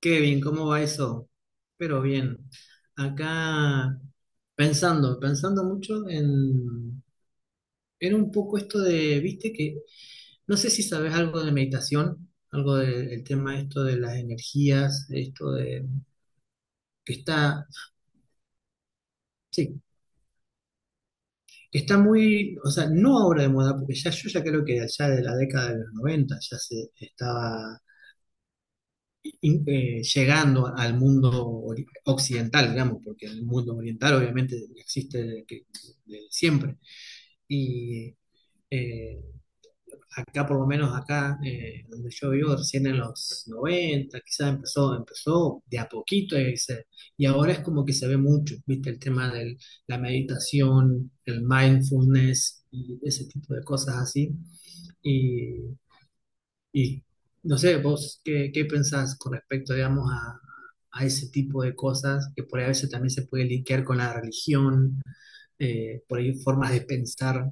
Kevin, ¿cómo va eso? Pero bien, acá pensando, pensando mucho en, era un poco esto de, viste que, no sé si sabes algo de meditación, del tema esto de las energías, esto de, que está, sí, que está muy, o sea, no ahora de moda, porque ya yo ya creo que allá de la década de los 90 ya se estaba llegando al mundo occidental, digamos, porque el mundo oriental obviamente existe desde siempre. Y eh, acá, por lo menos acá, donde yo vivo, recién en los 90 quizás empezó, empezó de a poquito y, y ahora es como que se ve mucho, ¿viste? El tema de la meditación, el mindfulness y ese tipo de cosas así. Y y no sé, vos qué, pensás con respecto, digamos, a ese tipo de cosas que por ahí a veces también se puede linkear con la religión, por ahí formas de pensar.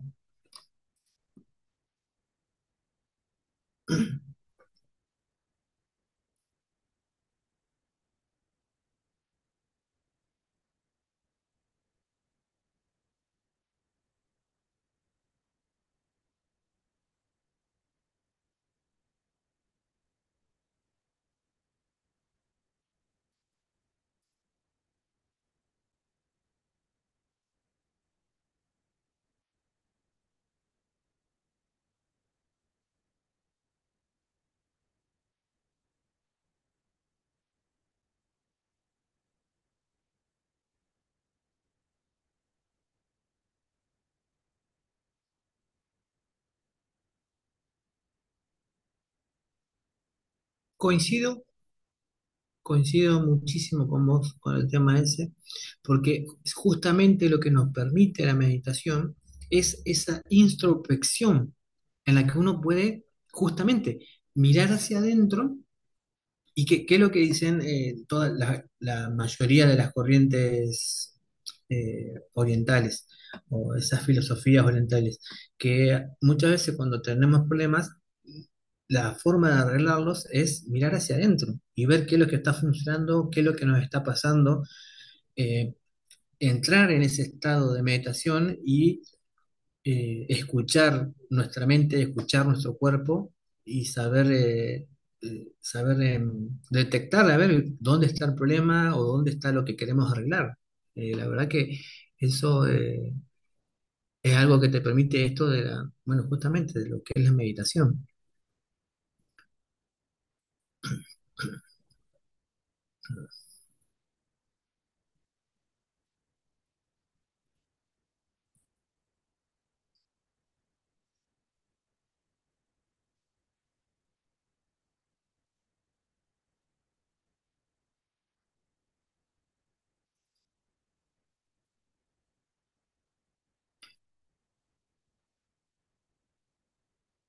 Coincido, coincido muchísimo con vos con el tema ese, porque justamente lo que nos permite la meditación es esa introspección en la que uno puede justamente mirar hacia adentro. ¿Y qué, es lo que dicen toda la mayoría de las corrientes orientales o esas filosofías orientales? Que muchas veces cuando tenemos problemas, la forma de arreglarlos es mirar hacia adentro y ver qué es lo que está funcionando, qué es lo que nos está pasando, eh, entrar en ese estado de meditación y escuchar nuestra mente, escuchar nuestro cuerpo y saber, detectar, a ver dónde está el problema o dónde está lo que queremos arreglar. La verdad que eso es algo que te permite esto de la, bueno, justamente de lo que es la meditación.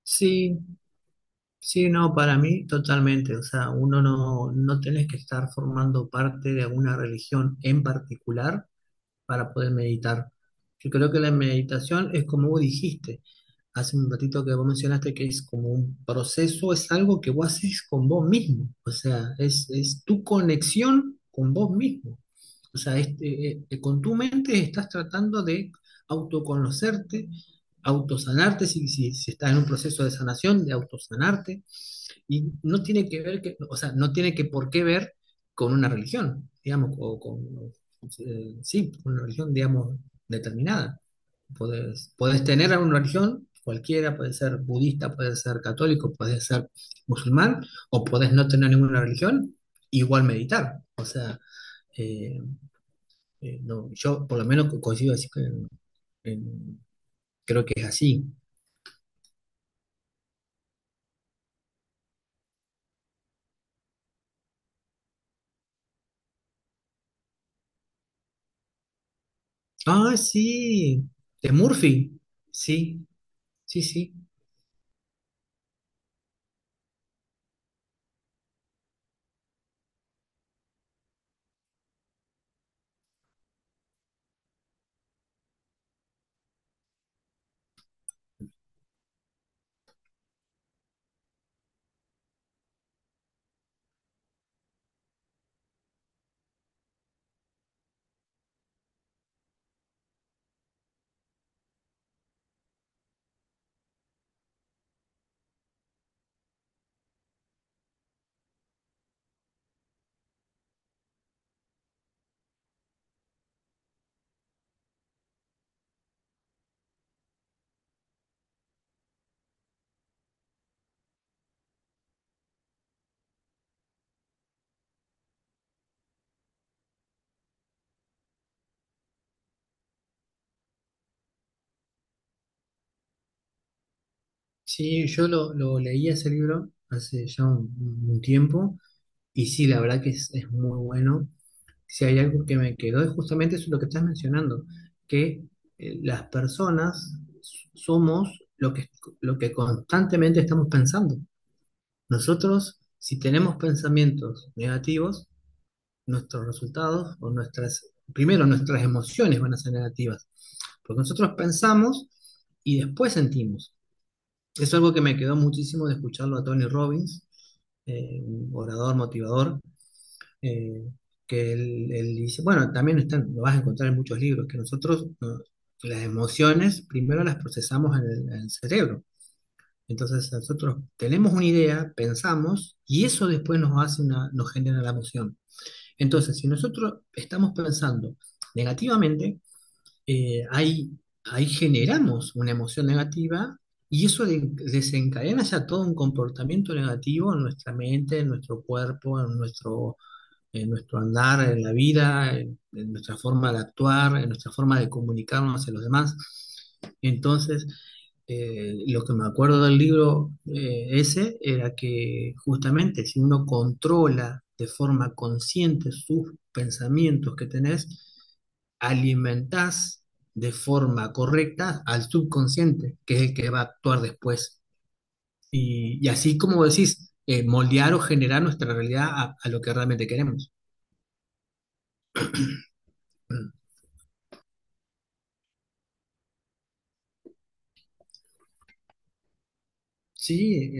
Sí, sí, no, para mí totalmente. O sea, uno no tenés que estar formando parte de alguna religión en particular para poder meditar. Yo creo que la meditación es como vos dijiste hace un ratito que vos mencionaste, que es como un proceso, es algo que vos haces con vos mismo, o sea, es tu conexión con vos mismo. O sea, este, con tu mente estás tratando de autoconocerte, autosanarte, si estás en un proceso de sanación, de autosanarte y no tiene que ver, que, o sea, no tiene que por qué ver con una religión, digamos, o con, sí, una religión, digamos, determinada. Podés, podés tener una religión cualquiera, puede ser budista, puede ser católico, puede ser musulmán, o podés no tener ninguna religión, igual meditar. O sea, eh, no, yo por lo menos consigo decir que en- creo que es así. Ah, sí, de Murphy. Sí, sí, sí. Sí, yo lo leí ese libro hace ya un, tiempo y sí, la verdad que es muy bueno. Si hay algo que me quedó es justamente eso lo que estás mencionando, que las personas somos lo que constantemente estamos pensando. Nosotros, si tenemos pensamientos negativos, nuestros resultados o nuestras, primero nuestras emociones van a ser negativas, porque nosotros pensamos y después sentimos. Es algo que me quedó muchísimo de escucharlo a Tony Robbins, un orador motivador, eh, que él, dice, bueno, también están, lo vas a encontrar en muchos libros, que nosotros no, las emociones primero las procesamos en el cerebro. Entonces nosotros tenemos una idea, pensamos, y eso después nos hace una, nos genera la emoción. Entonces, si nosotros estamos pensando negativamente, eh, ahí, ahí generamos una emoción negativa y eso desencadena ya todo un comportamiento negativo en nuestra mente, en nuestro cuerpo, en nuestro andar, en la vida, en nuestra forma de actuar, en nuestra forma de comunicarnos a los demás. Entonces, lo que me acuerdo del libro ese era que justamente si uno controla de forma consciente sus pensamientos que tenés, alimentás de forma correcta al subconsciente, que es el que va a actuar después. Y así como decís, moldear o generar nuestra realidad a lo que realmente queremos. Sí,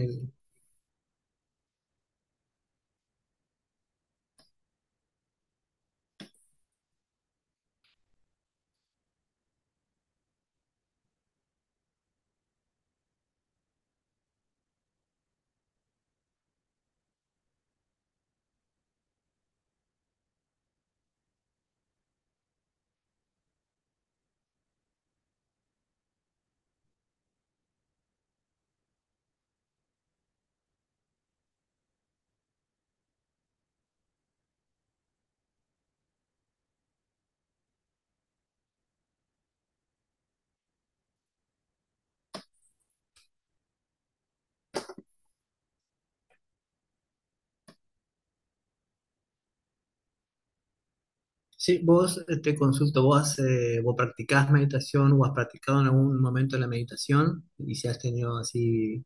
sí, vos te consulto, vos practicás meditación o has practicado en algún momento la meditación y si has tenido así,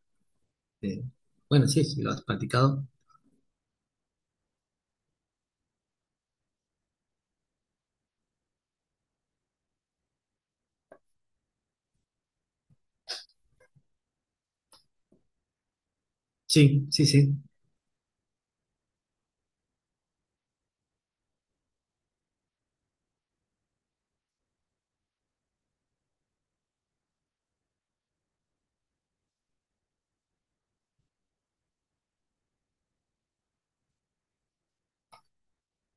eh, bueno, sí, sí, lo has practicado. Sí, sí, sí,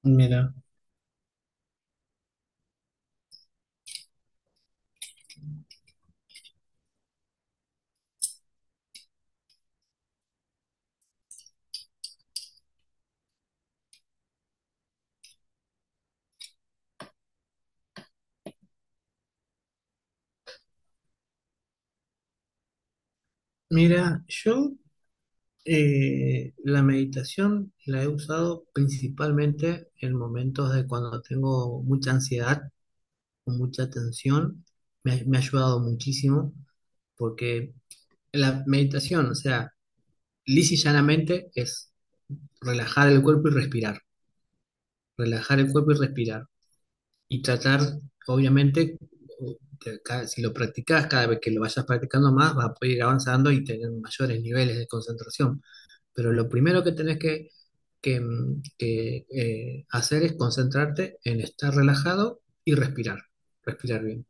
mira, mira, yo la meditación la he usado principalmente en momentos de cuando tengo mucha ansiedad o mucha tensión, me, me ha ayudado muchísimo porque la meditación, o sea, lisa y llanamente es relajar el cuerpo y respirar. Relajar el cuerpo y respirar. Y tratar, obviamente, de si lo practicas, cada vez que lo vayas practicando más, vas a poder ir avanzando y tener mayores niveles de concentración. Pero lo primero que tenés que, hacer es concentrarte en estar relajado y respirar, respirar bien.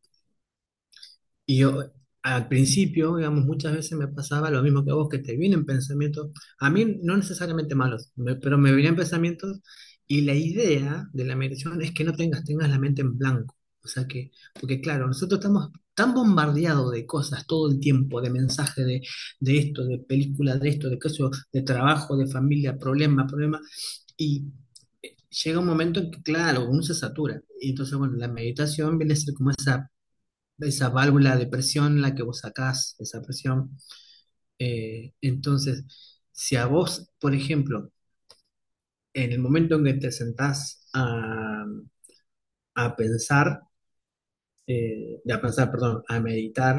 Y yo, al principio, digamos, muchas veces me pasaba lo mismo que a vos, que te vienen pensamientos, a mí no necesariamente malos, pero me venían pensamientos y la idea de la meditación es que no tengas, tengas la mente en blanco. O sea que, porque claro, nosotros estamos tan bombardeados de cosas todo el tiempo, de mensajes de, esto, de películas, de esto, de eso, de trabajo, de familia, problema, problema, y llega un momento en que, claro, uno se satura. Y entonces, bueno, la meditación viene a ser como esa válvula de presión, la que vos sacás, esa presión. Entonces, si a vos, por ejemplo, en el momento en que te sentás a pensar, a pensar, perdón, a meditar,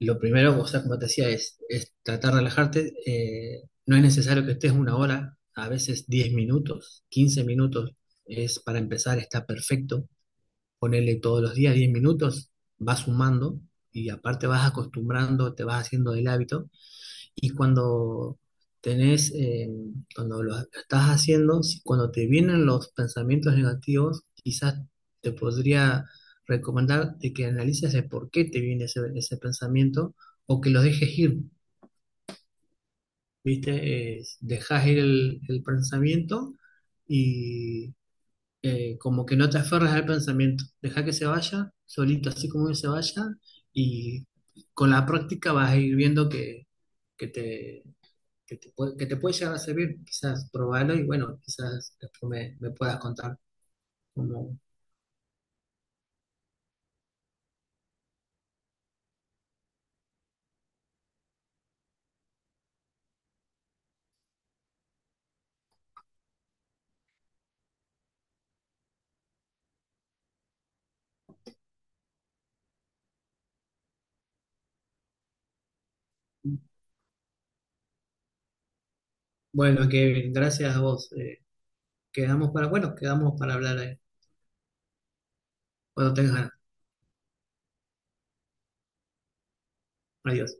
lo primero, o sea, como te decía, es tratar de relajarte. No es necesario que estés una hora, a veces 10 minutos, 15 minutos es para empezar, está perfecto. Ponerle todos los días 10 minutos, vas sumando y aparte vas acostumbrando, te vas haciendo del hábito y cuando tenés, cuando lo estás haciendo, cuando te vienen los pensamientos negativos, quizás te podría recomendar de que analices el por qué te viene ese, pensamiento o que lo dejes ir, ¿viste? Dejas ir el pensamiento y como que no te aferres al pensamiento, deja que se vaya solito, así como se vaya, y con la práctica vas a ir viendo que te, que te puede llegar a servir, quizás probarlo y bueno, quizás después me puedas contar cómo. Bueno, Kevin, gracias a vos. Quedamos para, bueno, quedamos para hablar cuando tengas ganas. Adiós.